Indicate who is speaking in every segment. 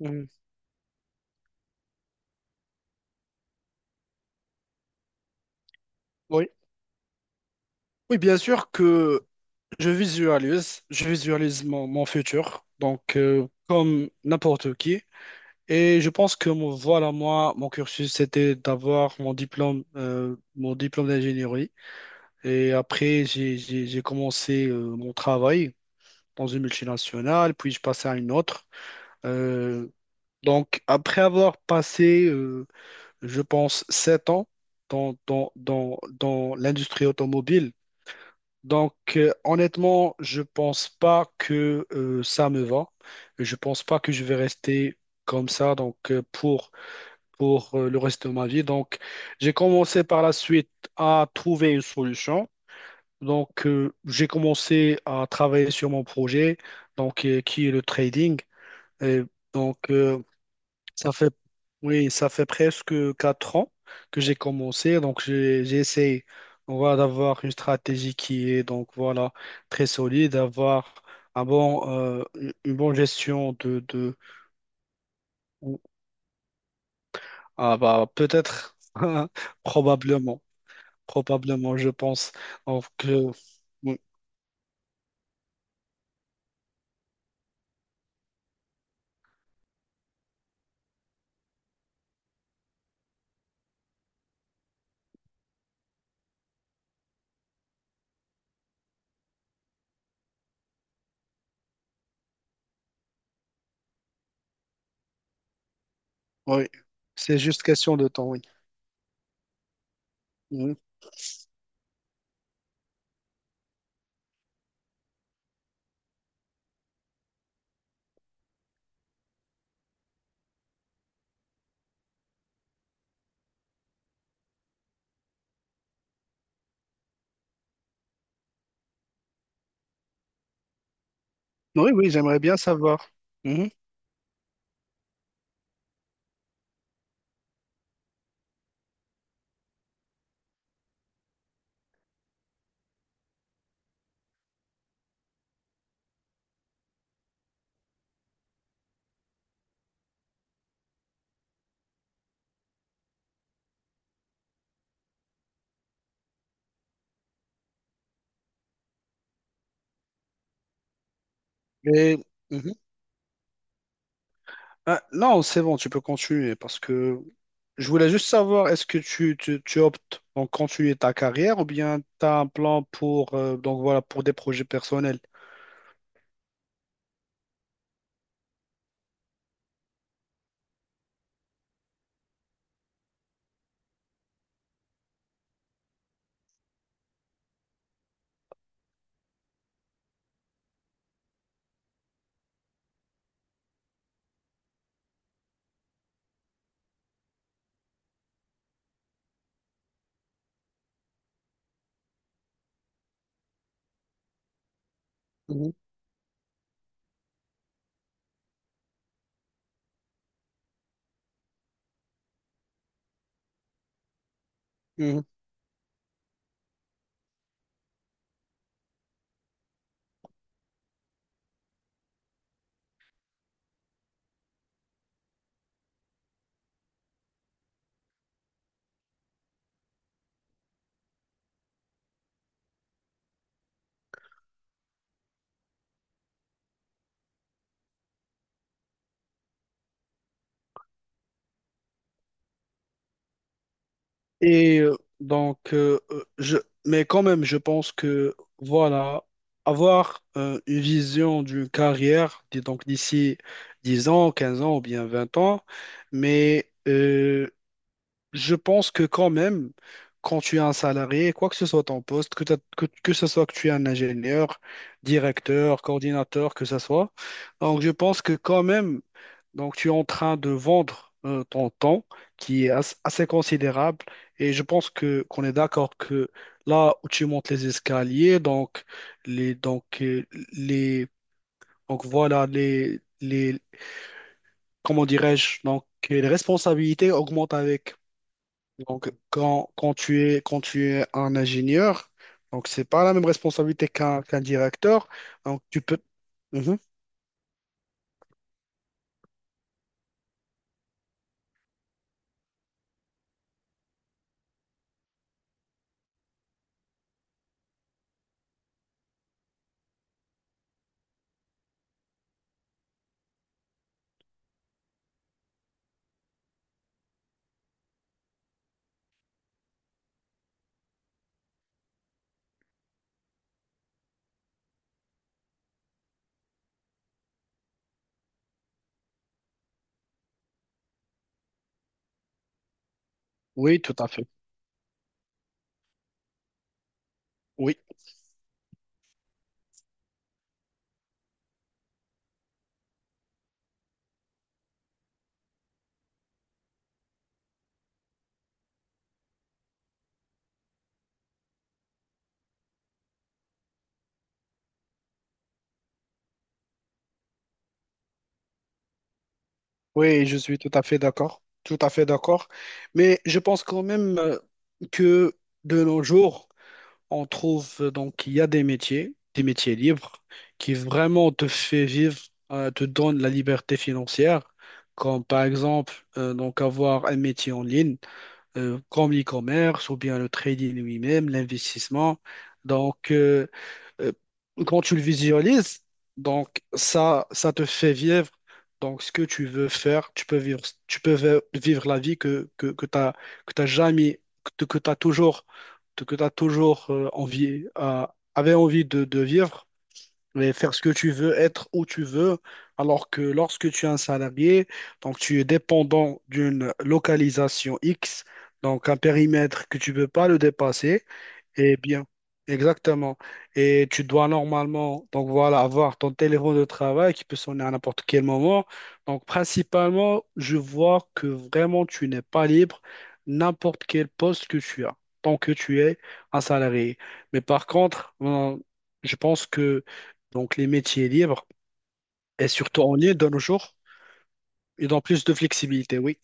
Speaker 1: Mhm. Oui. Oui, bien sûr que je visualise, je visualise mon futur, donc comme n'importe qui. Et je pense que voilà, moi, mon cursus, c'était d'avoir mon diplôme d'ingénierie. Et après, j'ai commencé mon travail dans une multinationale, puis je passais à une autre. Euh, donc, après avoir passé, je pense, 7 ans dans l'industrie automobile. Donc, honnêtement, je pense pas que ça me va. Je pense pas que je vais rester comme ça donc pour pour le reste de ma vie. Donc, j'ai commencé par la suite à trouver une solution. Donc, j'ai commencé à travailler sur mon projet donc qui est le trading. Et donc, ça fait, oui, ça fait presque 4 ans que j'ai commencé. Donc, j'ai essayé, voilà, d'avoir une stratégie qui est, donc, voilà, très solide, d'avoir un bon, une bonne gestion de, ou- ah, bah, peut-être, probablement, probablement, je pense. Donc, oui, oui, c'est juste question de temps, oui. Mhm. Oui, oui, j'aimerais bien savoir. Mhm. Et, mhm. Ah, non, c'est bon, tu peux continuer parce que je voulais juste savoir, est-ce que tu optes donc continuer ta carrière ou bien tu as un plan pour, donc voilà, pour des projets personnels? Mhm, mhm. Et donc, je, mais quand même, je pense que, voilà, avoir une vision d'une carrière, dis donc d'ici 10 ans, 15 ans ou bien 20 ans, mais je pense que quand même, quand tu es un salarié, quoi que ce soit ton poste, que ce soit que tu es un ingénieur, directeur, coordinateur, que ce soit, donc je pense que quand même, donc tu es en train de vendre ton temps, qui est assez considérable, et je pense que qu'on est d'accord que là où tu montes les escaliers, donc les donc les donc voilà les comment dirais-je donc les responsabilités augmentent avec donc, quand tu es un ingénieur, donc c'est pas la même responsabilité qu'un directeur. Donc, tu peux. Mhm. Oui, tout à fait. Oui, oui, je suis tout à fait d'accord. Tout à fait d'accord. Mais je pense quand même que de nos jours, on trouve donc il y a des métiers libres, qui vraiment te fait vivre, te donne la liberté financière, comme par exemple donc avoir un métier en ligne, comme l'e-commerce ou bien le trading lui-même, l'investissement. Donc, euh, quand tu le visualises, donc ça te fait vivre donc ce que tu veux faire. Tu peux vivre, tu peux vivre la vie que, que tu as, que t'as jamais, que, tu as toujours, que t'as toujours euh, envie, avait envie de vivre et faire ce que tu veux, être où tu veux, alors que lorsque tu es un salarié, donc tu es dépendant d'une localisation X, donc un périmètre que tu ne peux pas le dépasser. Eh bien, exactement. Et tu dois normalement, donc voilà, avoir ton téléphone de travail qui peut sonner à n'importe quel moment. Donc, principalement, je vois que vraiment tu n'es pas libre n'importe quel poste que tu as, tant que tu es un salarié. Mais par contre, je pense que donc les métiers libres, et surtout en ligne de nos jours, ils ont plus de flexibilité, oui.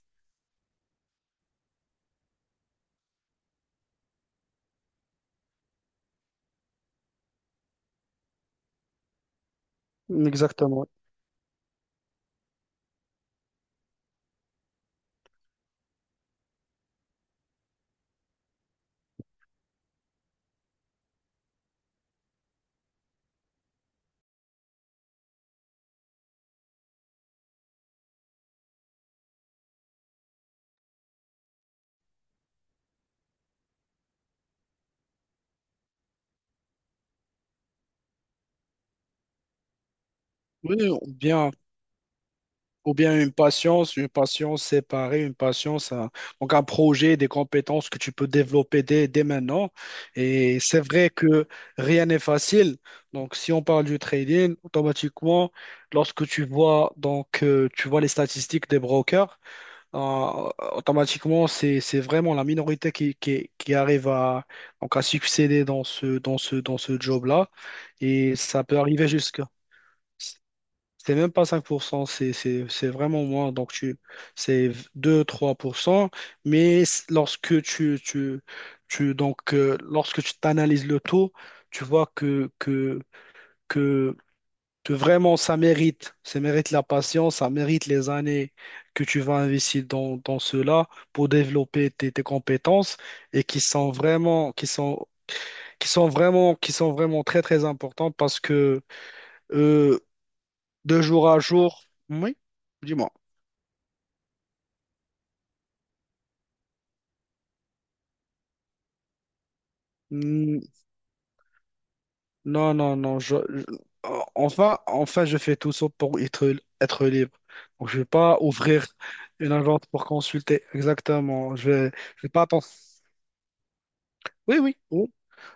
Speaker 1: Exactement. Oui, ou bien une patience séparée, une patience, donc un projet, des compétences que tu peux développer dès maintenant. Et c'est vrai que rien n'est facile. Donc, si on parle du trading, automatiquement, lorsque tu vois, donc, tu vois les statistiques des brokers, automatiquement, c'est vraiment la minorité qui arrive à, donc à succéder dans dans ce job-là. Et ça peut arriver jusqu'à. C'est même pas 5%, c'est vraiment moins. Donc, tu, c'est 2, 3%. Mais lorsque donc, lorsque tu t'analyses le taux, tu vois que, que vraiment ça mérite la patience, ça mérite les années que tu vas investir dans, dans cela pour développer tes compétences et qui sont vraiment, qui sont, qui sont vraiment très très importantes parce que euh, de jour à jour, oui, dis-moi. Hmm. Non, enfin, je fais tout ça pour être, être libre. Donc, je vais pas ouvrir une agence pour consulter. Exactement. Je vais pas attendre. Oui, oui.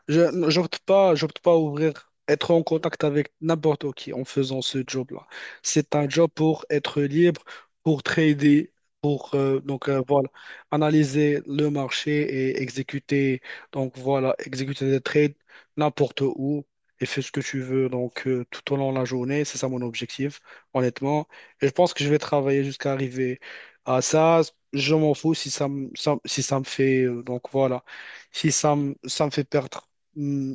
Speaker 1: Je j'opte pas à ouvrir, être en contact avec n'importe qui en faisant ce job-là. C'est un job pour être libre, pour trader, pour donc voilà, analyser le marché et exécuter donc voilà, exécuter des trades n'importe où et fais ce que tu veux donc tout au long de la journée. C'est ça mon objectif, honnêtement. Et je pense que je vais travailler jusqu'à arriver à ça. Je m'en fous si ça me, si ça me fait donc voilà si ça me, ça me fait perdre hmm,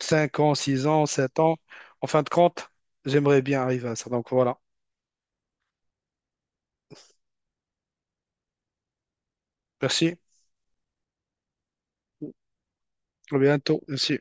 Speaker 1: 5 ans, 6 ans, 7 ans. En fin de compte, j'aimerais bien arriver à ça. Donc voilà. Merci. À bientôt. Merci.